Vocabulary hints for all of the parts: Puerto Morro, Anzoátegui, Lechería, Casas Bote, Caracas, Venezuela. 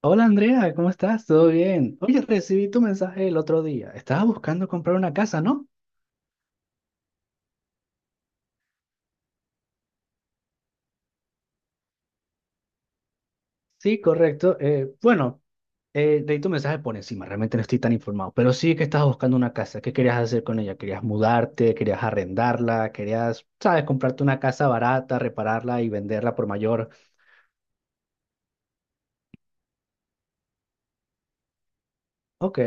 Hola Andrea, ¿cómo estás? ¿Todo bien? Oye, recibí tu mensaje el otro día. Estabas buscando comprar una casa, ¿no? Sí, correcto. Bueno, Leí tu mensaje por encima, realmente no estoy tan informado, pero sí que estabas buscando una casa. ¿Qué querías hacer con ella? ¿Querías mudarte? ¿Querías arrendarla? ¿Querías, sabes, comprarte una casa barata, repararla y venderla por mayor? Ok,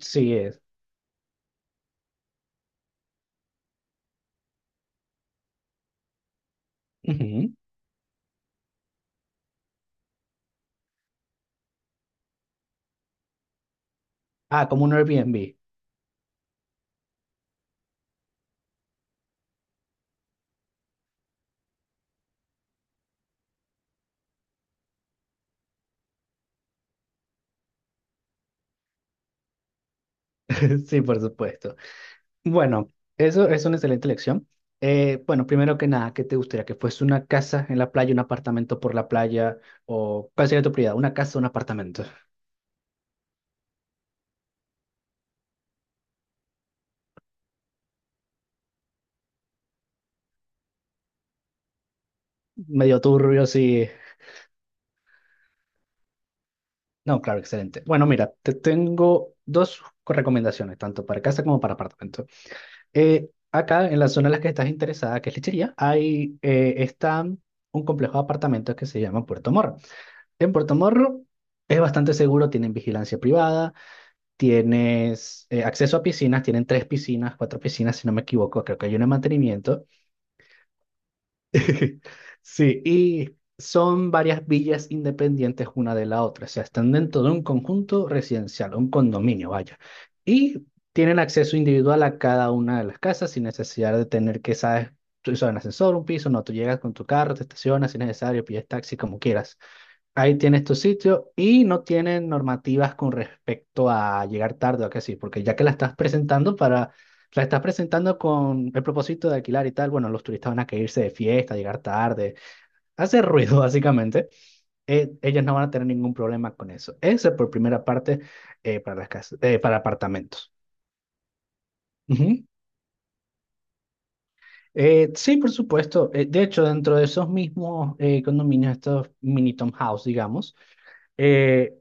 sí es. Ujú. Ah, como un Airbnb. Sí, por supuesto. Bueno, eso es una excelente elección. Bueno, primero que nada, ¿qué te gustaría? ¿Que fuese una casa en la playa, un apartamento por la playa? ¿O cuál sería tu prioridad? ¿Una casa o un apartamento? Medio turbio, sí. No, claro, excelente. Bueno, mira, te tengo dos recomendaciones, tanto para casa como para apartamento. Acá, en la zona en la que estás interesada, que es Lechería, está un complejo de apartamentos que se llama Puerto Morro. En Puerto Morro es bastante seguro, tienen vigilancia privada. Tienes acceso a piscinas, tienen tres piscinas, cuatro piscinas, si no me equivoco, creo que hay una de mantenimiento. Sí, y son varias villas independientes una de la otra, o sea, están dentro de un conjunto residencial, un condominio, vaya. Y tienen acceso individual a cada una de las casas sin necesidad de tener que, sabes, tú usas un ascensor, un piso, no, tú llegas con tu carro, te estacionas si es necesario, pides taxi, como quieras. Ahí tienes tu sitio y no tienen normativas con respecto a llegar tarde o que sí, porque ya que la estás presentando para, la estás presentando con el propósito de alquilar y tal, bueno, los turistas van a querer irse de fiesta, llegar tarde, hacer ruido básicamente, ellos no van a tener ningún problema con eso. Ese por primera parte, para las casas, para apartamentos. Ujú. Sí, por supuesto. De hecho, dentro de esos mismos condominios, estos mini townhouse, digamos. Eh,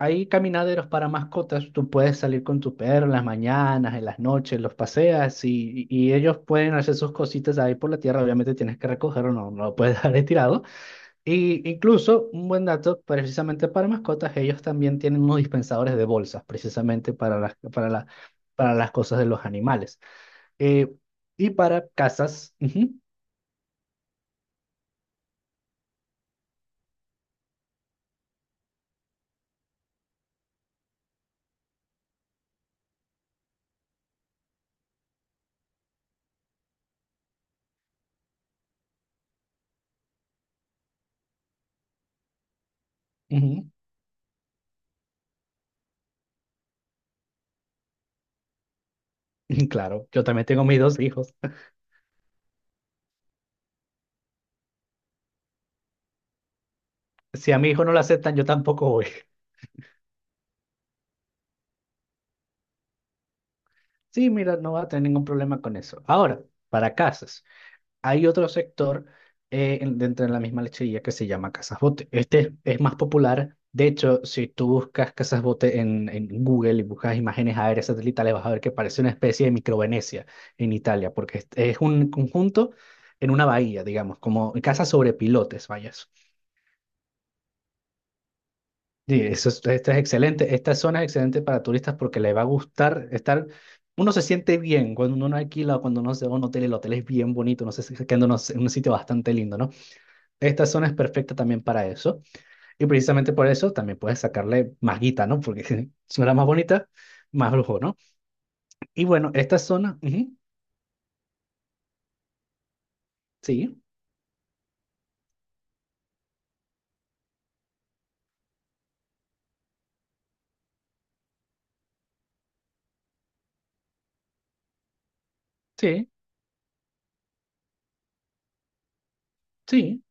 Hay caminaderos para mascotas, tú puedes salir con tu perro en las mañanas, en las noches, los paseas y ellos pueden hacer sus cositas ahí por la tierra, obviamente tienes que recogerlo, no, no lo puedes dejar ahí tirado. Y incluso un buen dato, precisamente para mascotas, ellos también tienen unos dispensadores de bolsas, precisamente para para las cosas de los animales. Eh, y para casas, ujú, ujú. Claro, yo también tengo mis dos hijos. Si a mi hijo no lo aceptan, yo tampoco voy. Sí, mira, no va a tener ningún problema con eso. Ahora, para casas, hay otro sector dentro de la misma lechería que se llama Casas Bote. Este es más popular. De hecho, si tú buscas Casas Bote en Google y buscas imágenes aéreas satelitales, vas a ver que parece una especie de micro Venecia en Italia, porque es un conjunto en una bahía, digamos, como casas sobre pilotes, vaya. Sí, eso es, esto es excelente. Esta zona es excelente para turistas porque le va a gustar estar. Uno se siente bien cuando uno no alquila o cuando uno se va a un hotel. El hotel es bien bonito, no sé, quedándonos en un sitio bastante lindo, ¿no? Esta zona es perfecta también para eso. Y precisamente por eso también puedes sacarle más guita, ¿no? Porque suena más bonita, más lujo, ¿no? Y bueno, esta zona, sí, sí, sí.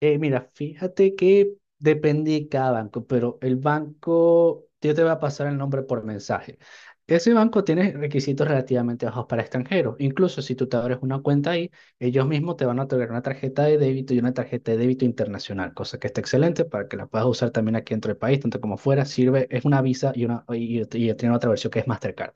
Mira, fíjate que depende de cada banco, pero el banco, yo te voy a pasar el nombre por mensaje. Ese banco tiene requisitos relativamente bajos para extranjeros. Incluso si tú te abres una cuenta ahí, ellos mismos te van a otorgar una tarjeta de débito y una tarjeta de débito internacional, cosa que está excelente para que la puedas usar también aquí dentro del país, tanto como fuera. Sirve, es una Visa y tiene otra versión que es Mastercard.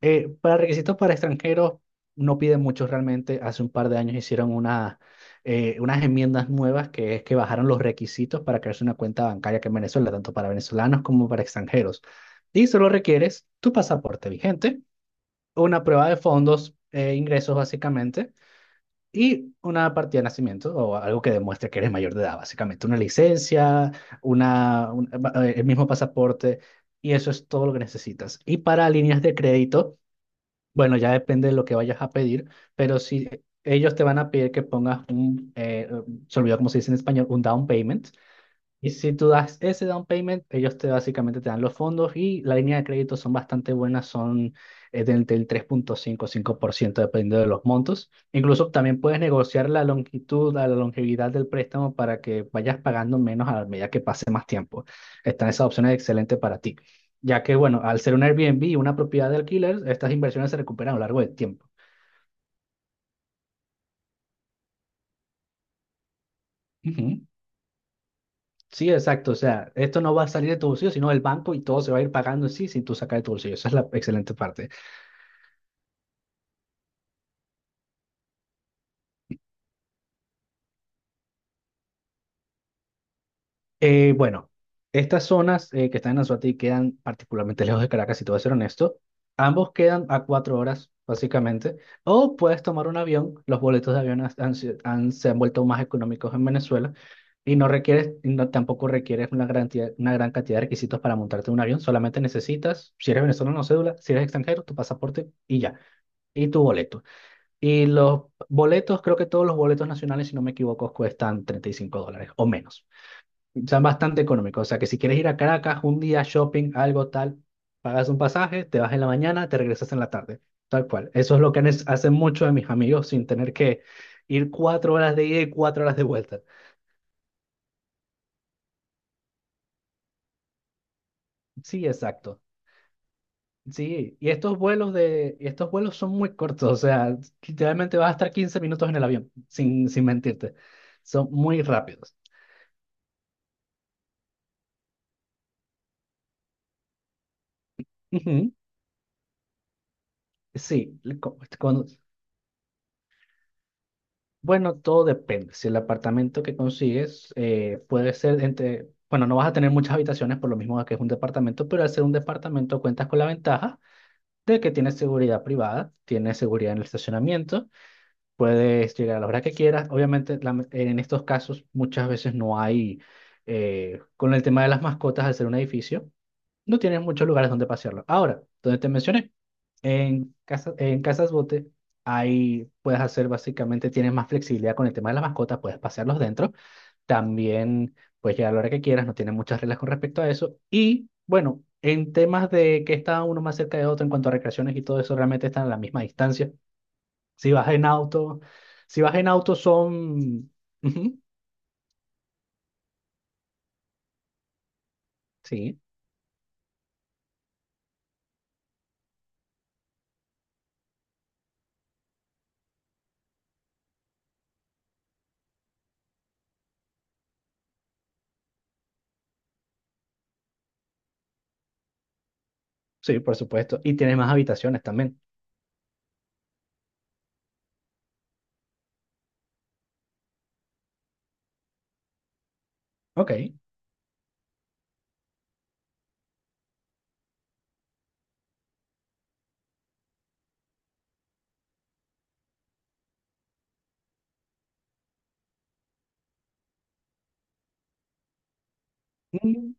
Para requisitos para extranjeros no piden mucho realmente. Hace un par de años hicieron unas enmiendas nuevas que es que bajaron los requisitos para crearse una cuenta bancaria que en Venezuela, tanto para venezolanos como para extranjeros. Y solo requieres tu pasaporte vigente, una prueba de fondos e ingresos básicamente y una partida de nacimiento o algo que demuestre que eres mayor de edad, básicamente una licencia, una, un- el mismo pasaporte y eso es todo lo que necesitas. Y para líneas de crédito. Bueno, ya depende de lo que vayas a pedir, pero si ellos te van a pedir que pongas se olvidó cómo se dice en español, un down payment, y si tú das ese down payment, ellos te básicamente te dan los fondos y la línea de crédito son bastante buenas, son del tres punto cinco, 5% dependiendo de los montos. Incluso también puedes negociar la longitud, la longevidad del préstamo para que vayas pagando menos a la medida que pase más tiempo. Están esas opciones excelentes para ti, ya que bueno, al ser un Airbnb y una propiedad de alquiler, estas inversiones se recuperan a lo largo del tiempo. Ujú. Sí, exacto. O sea, esto no va a salir de tu bolsillo, sino del banco y todo se va a ir pagando en sí sin tú sacar de tu bolsillo. Esa es la excelente parte. Bueno, estas zonas que están en Anzoátegui quedan particularmente lejos de Caracas, si te voy a ser honesto. Ambos quedan a 4 horas, básicamente. O puedes tomar un avión. Los boletos de avión se han vuelto más económicos en Venezuela. Y no requieres, y no, tampoco requieres una gran cantidad de requisitos para montarte en un avión. Solamente necesitas, si eres venezolano, no cédula, si eres extranjero, tu pasaporte y ya. Y tu boleto. Y los boletos, creo que todos los boletos nacionales, si no me equivoco, cuestan $35 o menos. Son bastante económicos. O sea que si quieres ir a Caracas un día shopping, algo tal, pagas un pasaje, te vas en la mañana, te regresas en la tarde. Tal cual. Eso es lo que hacen muchos de mis amigos sin tener que ir 4 horas de ida y 4 horas de vuelta. Sí, exacto. Sí, y estos vuelos son muy cortos, o sea, literalmente vas a estar 15 minutos en el avión, sin mentirte. Son muy rápidos. Ujú. Sí, le- co- cuando, Bueno, todo depende. Si el apartamento que consigues puede ser entre, bueno, no vas a tener muchas habitaciones por lo mismo que es un departamento, pero al ser un departamento cuentas con la ventaja de que tienes seguridad privada, tienes seguridad en el estacionamiento, puedes llegar a la hora que quieras. Obviamente, en estos casos muchas veces no hay, con el tema de las mascotas, al ser un edificio no tienes muchos lugares donde pasearlo. Ahora, donde te mencioné, en casa, en Casas Bote, ahí puedes hacer básicamente, tienes más flexibilidad con el tema de las mascotas, puedes pasearlos dentro. También puedes llegar a la hora que quieras, no tienen muchas reglas con respecto a eso. Y bueno, en temas de que está uno más cerca de otro en cuanto a recreaciones y todo eso, realmente están a la misma distancia. Si vas en auto, si vas en auto son... Ujú. Sí, sí, por supuesto. Y tienes más habitaciones también. Ok. Mm.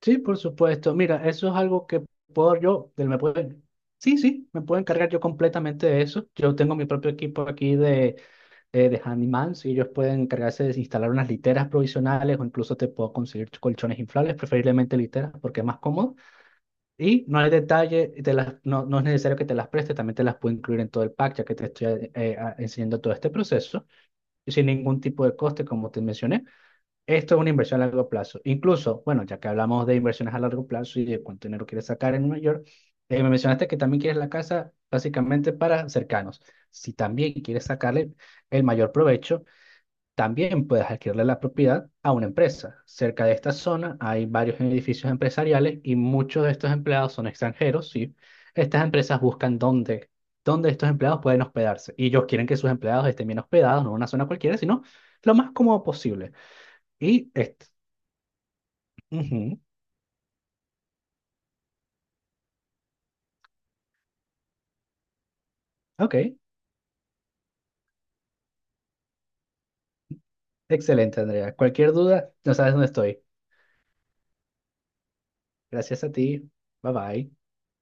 Sí, por supuesto. Mira, eso es algo que puedo yo, del- me puede, sí, sí, me puedo encargar yo completamente de eso. Yo tengo mi propio equipo aquí de Handymans y ellos pueden encargarse de instalar unas literas provisionales o incluso te puedo conseguir colchones inflables, preferiblemente literas porque es más cómodo. Y no hay detalle, no, no es necesario que te las preste, también te las puedo incluir en todo el pack, ya que te estoy enseñando todo este proceso y sin ningún tipo de coste, como te mencioné. Esto es una inversión a largo plazo. Incluso, bueno, ya que hablamos de inversiones a largo plazo y de cuánto dinero quieres sacar en Nueva York, me mencionaste que también quieres la casa básicamente para cercanos. Si también quieres sacarle el mayor provecho, también puedes adquirirle la propiedad a una empresa. Cerca de esta zona hay varios edificios empresariales y muchos de estos empleados son extranjeros, ¿sí? Estas empresas buscan dónde estos empleados pueden hospedarse y ellos quieren que sus empleados estén bien hospedados, no en una zona cualquiera, sino lo más cómodo posible. Y este, Ujú. Ok, excelente, Andrea. Cualquier duda, no sabes dónde estoy. Gracias a ti. Bye bye.